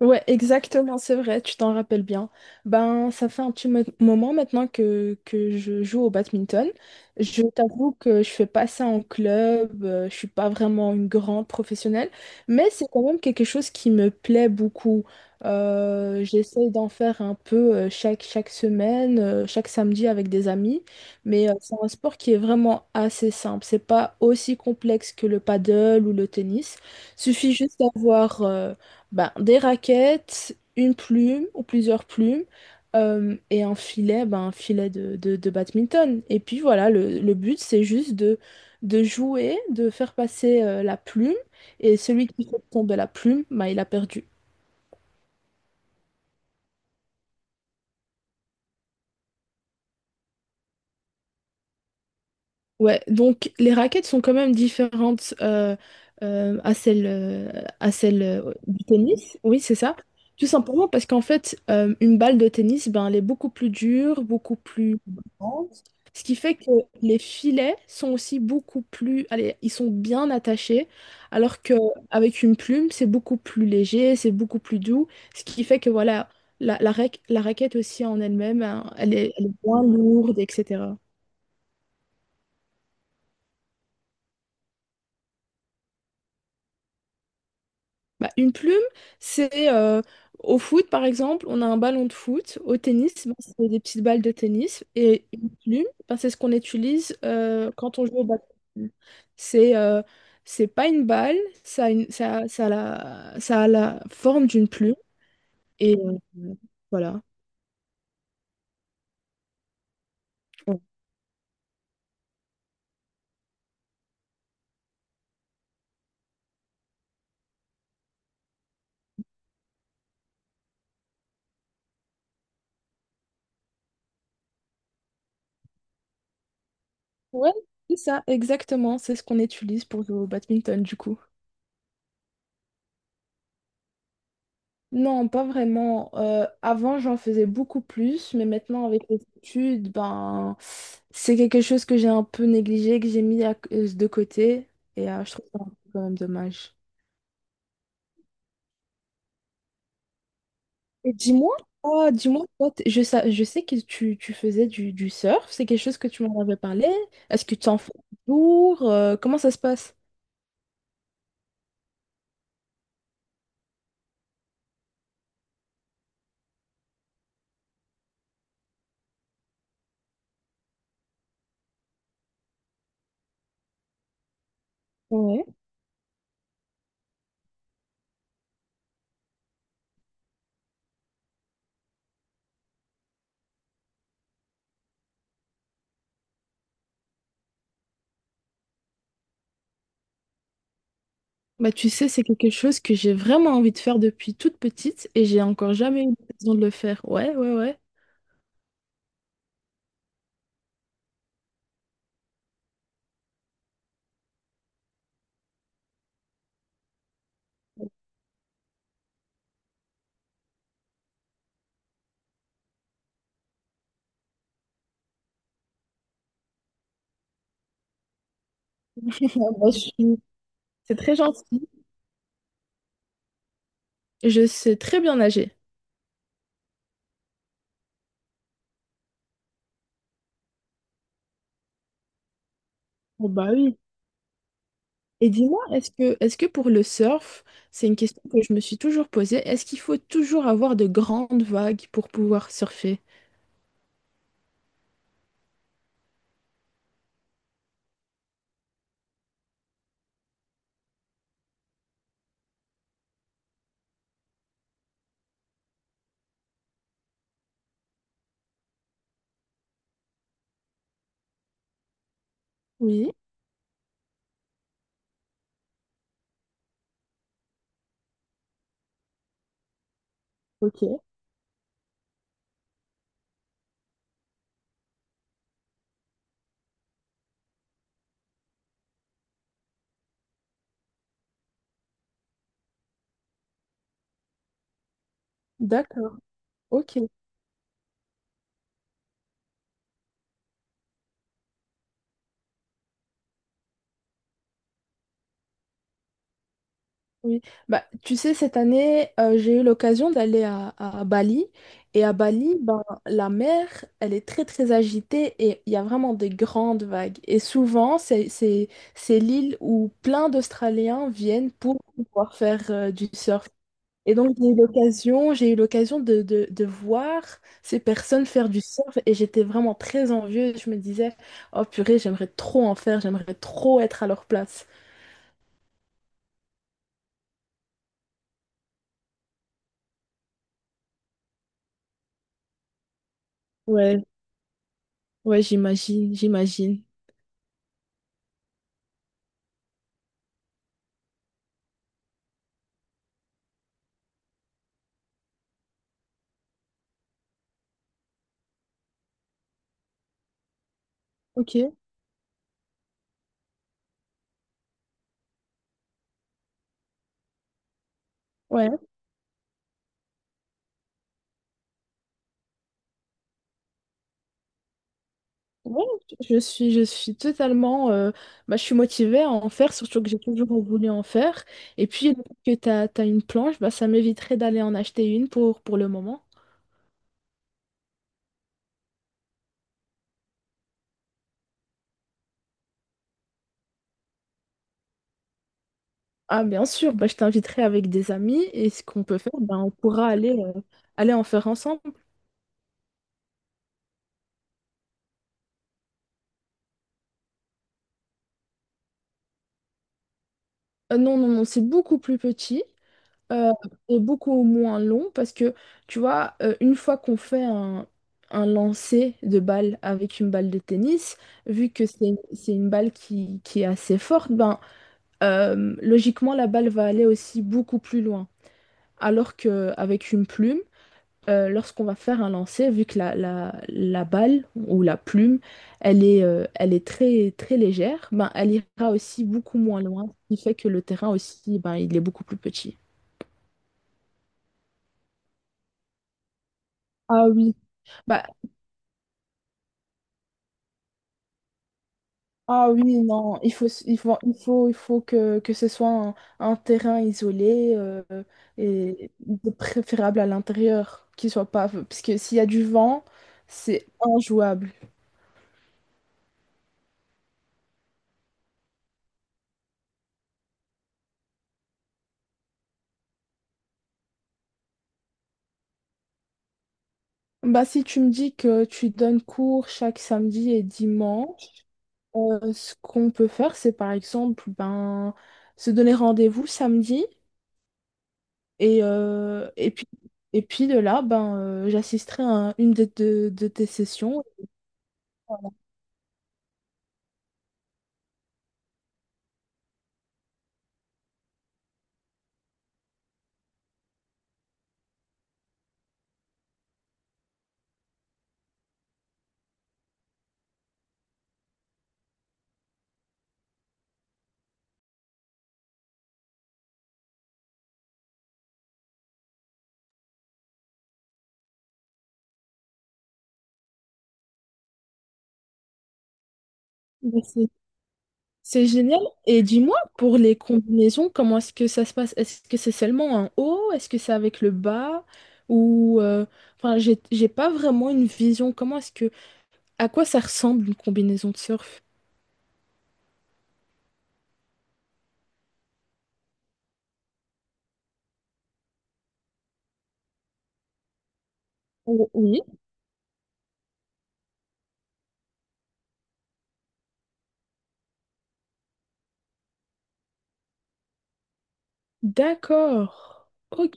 Ouais, exactement, c'est vrai, tu t'en rappelles bien. Ben, ça fait un petit moment maintenant que je joue au badminton. Je t'avoue que je fais pas ça en club, je suis pas vraiment une grande professionnelle, mais c'est quand même quelque chose qui me plaît beaucoup. J'essaye d'en faire un peu chaque semaine, chaque samedi avec des amis, mais c'est un sport qui est vraiment assez simple. C'est pas aussi complexe que le paddle ou le tennis. Suffit juste d'avoir ben, des raquettes, une plume ou plusieurs plumes, et un filet, ben, un filet de badminton. Et puis voilà, le but, c'est juste de jouer, de faire passer la plume, et celui qui fait tomber la plume, ben, il a perdu. Ouais, donc les raquettes sont quand même différentes à celles du tennis. Oui, c'est ça. Tout simplement parce qu'en fait, une balle de tennis, ben, elle est beaucoup plus dure, beaucoup plus... Ce qui fait que les filets sont aussi beaucoup plus, allez, ils sont bien attachés, alors que avec une plume, c'est beaucoup plus léger, c'est beaucoup plus doux, ce qui fait que voilà, la raquette aussi en elle-même, hein, elle est moins lourde, etc. Bah, une plume, c'est au foot, par exemple, on a un ballon de foot. Au tennis, bah, c'est des petites balles de tennis. Et une plume, bah, c'est ce qu'on utilise quand on joue au ballon. C'est euh, c'est pas une balle, ça a, une- ça, a- ça a la forme d'une plume. Et voilà. Ouais, c'est ça, exactement. C'est ce qu'on utilise pour jouer au badminton, du coup. Non, pas vraiment. Avant, j'en faisais beaucoup plus, mais maintenant, avec les études, ben, c'est quelque chose que j'ai un peu négligé, que j'ai mis de côté, et je trouve ça un peu quand même dommage. Et dis-moi, toi, je sais que tu faisais du surf, c'est quelque chose que tu m'en avais parlé. Est-ce que tu en fais toujours? Comment ça se passe? Ouais. Bah, tu sais, c'est quelque chose que j'ai vraiment envie de faire depuis toute petite et j'ai encore jamais eu l'occasion de le faire. Ouais, ouais, ouais. Ah, bah, je suis C'est très gentil. Je sais très bien nager. Oh bah oui. Et dis-moi, est-ce que pour le surf, c'est une question que je me suis toujours posée, est-ce qu'il faut toujours avoir de grandes vagues pour pouvoir surfer? Oui, ok, d'accord, ok. Oui, bah, tu sais, cette année, j'ai eu l'occasion d'aller à Bali. Et à Bali, ben, la mer, elle est très, très agitée et il y a vraiment des grandes vagues. Et souvent, c'est l'île où plein d'Australiens viennent pour pouvoir faire du surf. Et donc, j'ai eu l'occasion de voir ces personnes faire du surf et j'étais vraiment très envieuse. Je me disais, oh purée, j'aimerais trop en faire, j'aimerais trop être à leur place. Ouais, ouais, j'imagine, j'imagine. Ok, ouais. Ouais, je suis totalement. Bah, je suis motivée à en faire, surtout que j'ai toujours voulu en faire. Et puis, le fait que tu as, une planche, bah, ça m'éviterait d'aller en acheter une pour le moment. Ah, bien sûr, bah, je t'inviterai avec des amis et ce qu'on peut faire, bah, on pourra aller, aller en faire ensemble. Non, non, non, c'est beaucoup plus petit. euh, Est beaucoup moins long parce que, tu vois, une fois qu'on fait un lancer de balle avec une balle de tennis, vu que c'est une balle qui est assez forte, ben, logiquement, la balle va aller aussi beaucoup plus loin. Alors qu'avec une plume, lorsqu'on va faire un lancer, vu que la balle ou la plume, elle est très, très légère, ben, elle ira aussi beaucoup moins loin, ce qui fait que le terrain aussi, ben, il est beaucoup plus petit. Ah oui. Bah, ah oui, non, il faut que ce soit un terrain isolé et de préférable à l'intérieur, qu'il soit pas, parce que s'il y a du vent, c'est injouable. Bah, si tu me dis que tu donnes cours chaque samedi et dimanche, ce qu'on peut faire, c'est par exemple ben, se donner rendez-vous samedi et, et puis de là, ben, j'assisterai à une de, de tes sessions. C'est génial. Et dis-moi, pour les combinaisons, comment est-ce que ça se passe? Est-ce que c'est seulement un haut? Est-ce que c'est avec le bas? Ou enfin, j'ai pas vraiment une vision. Comment est-ce que à quoi ça ressemble une combinaison de surf? Oh, oui. D'accord. Ok.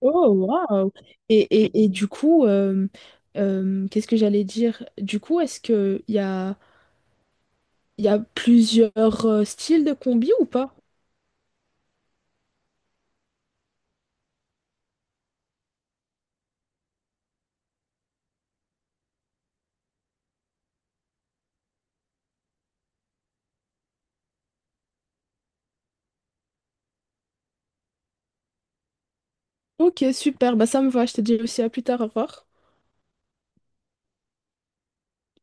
Oh waouh. Et, et du coup, qu'est-ce que j'allais dire? Du coup, est-ce que il y a plusieurs styles de combi ou pas? Ok, super. Bah ça me va. Je te dis aussi à plus tard. Au revoir.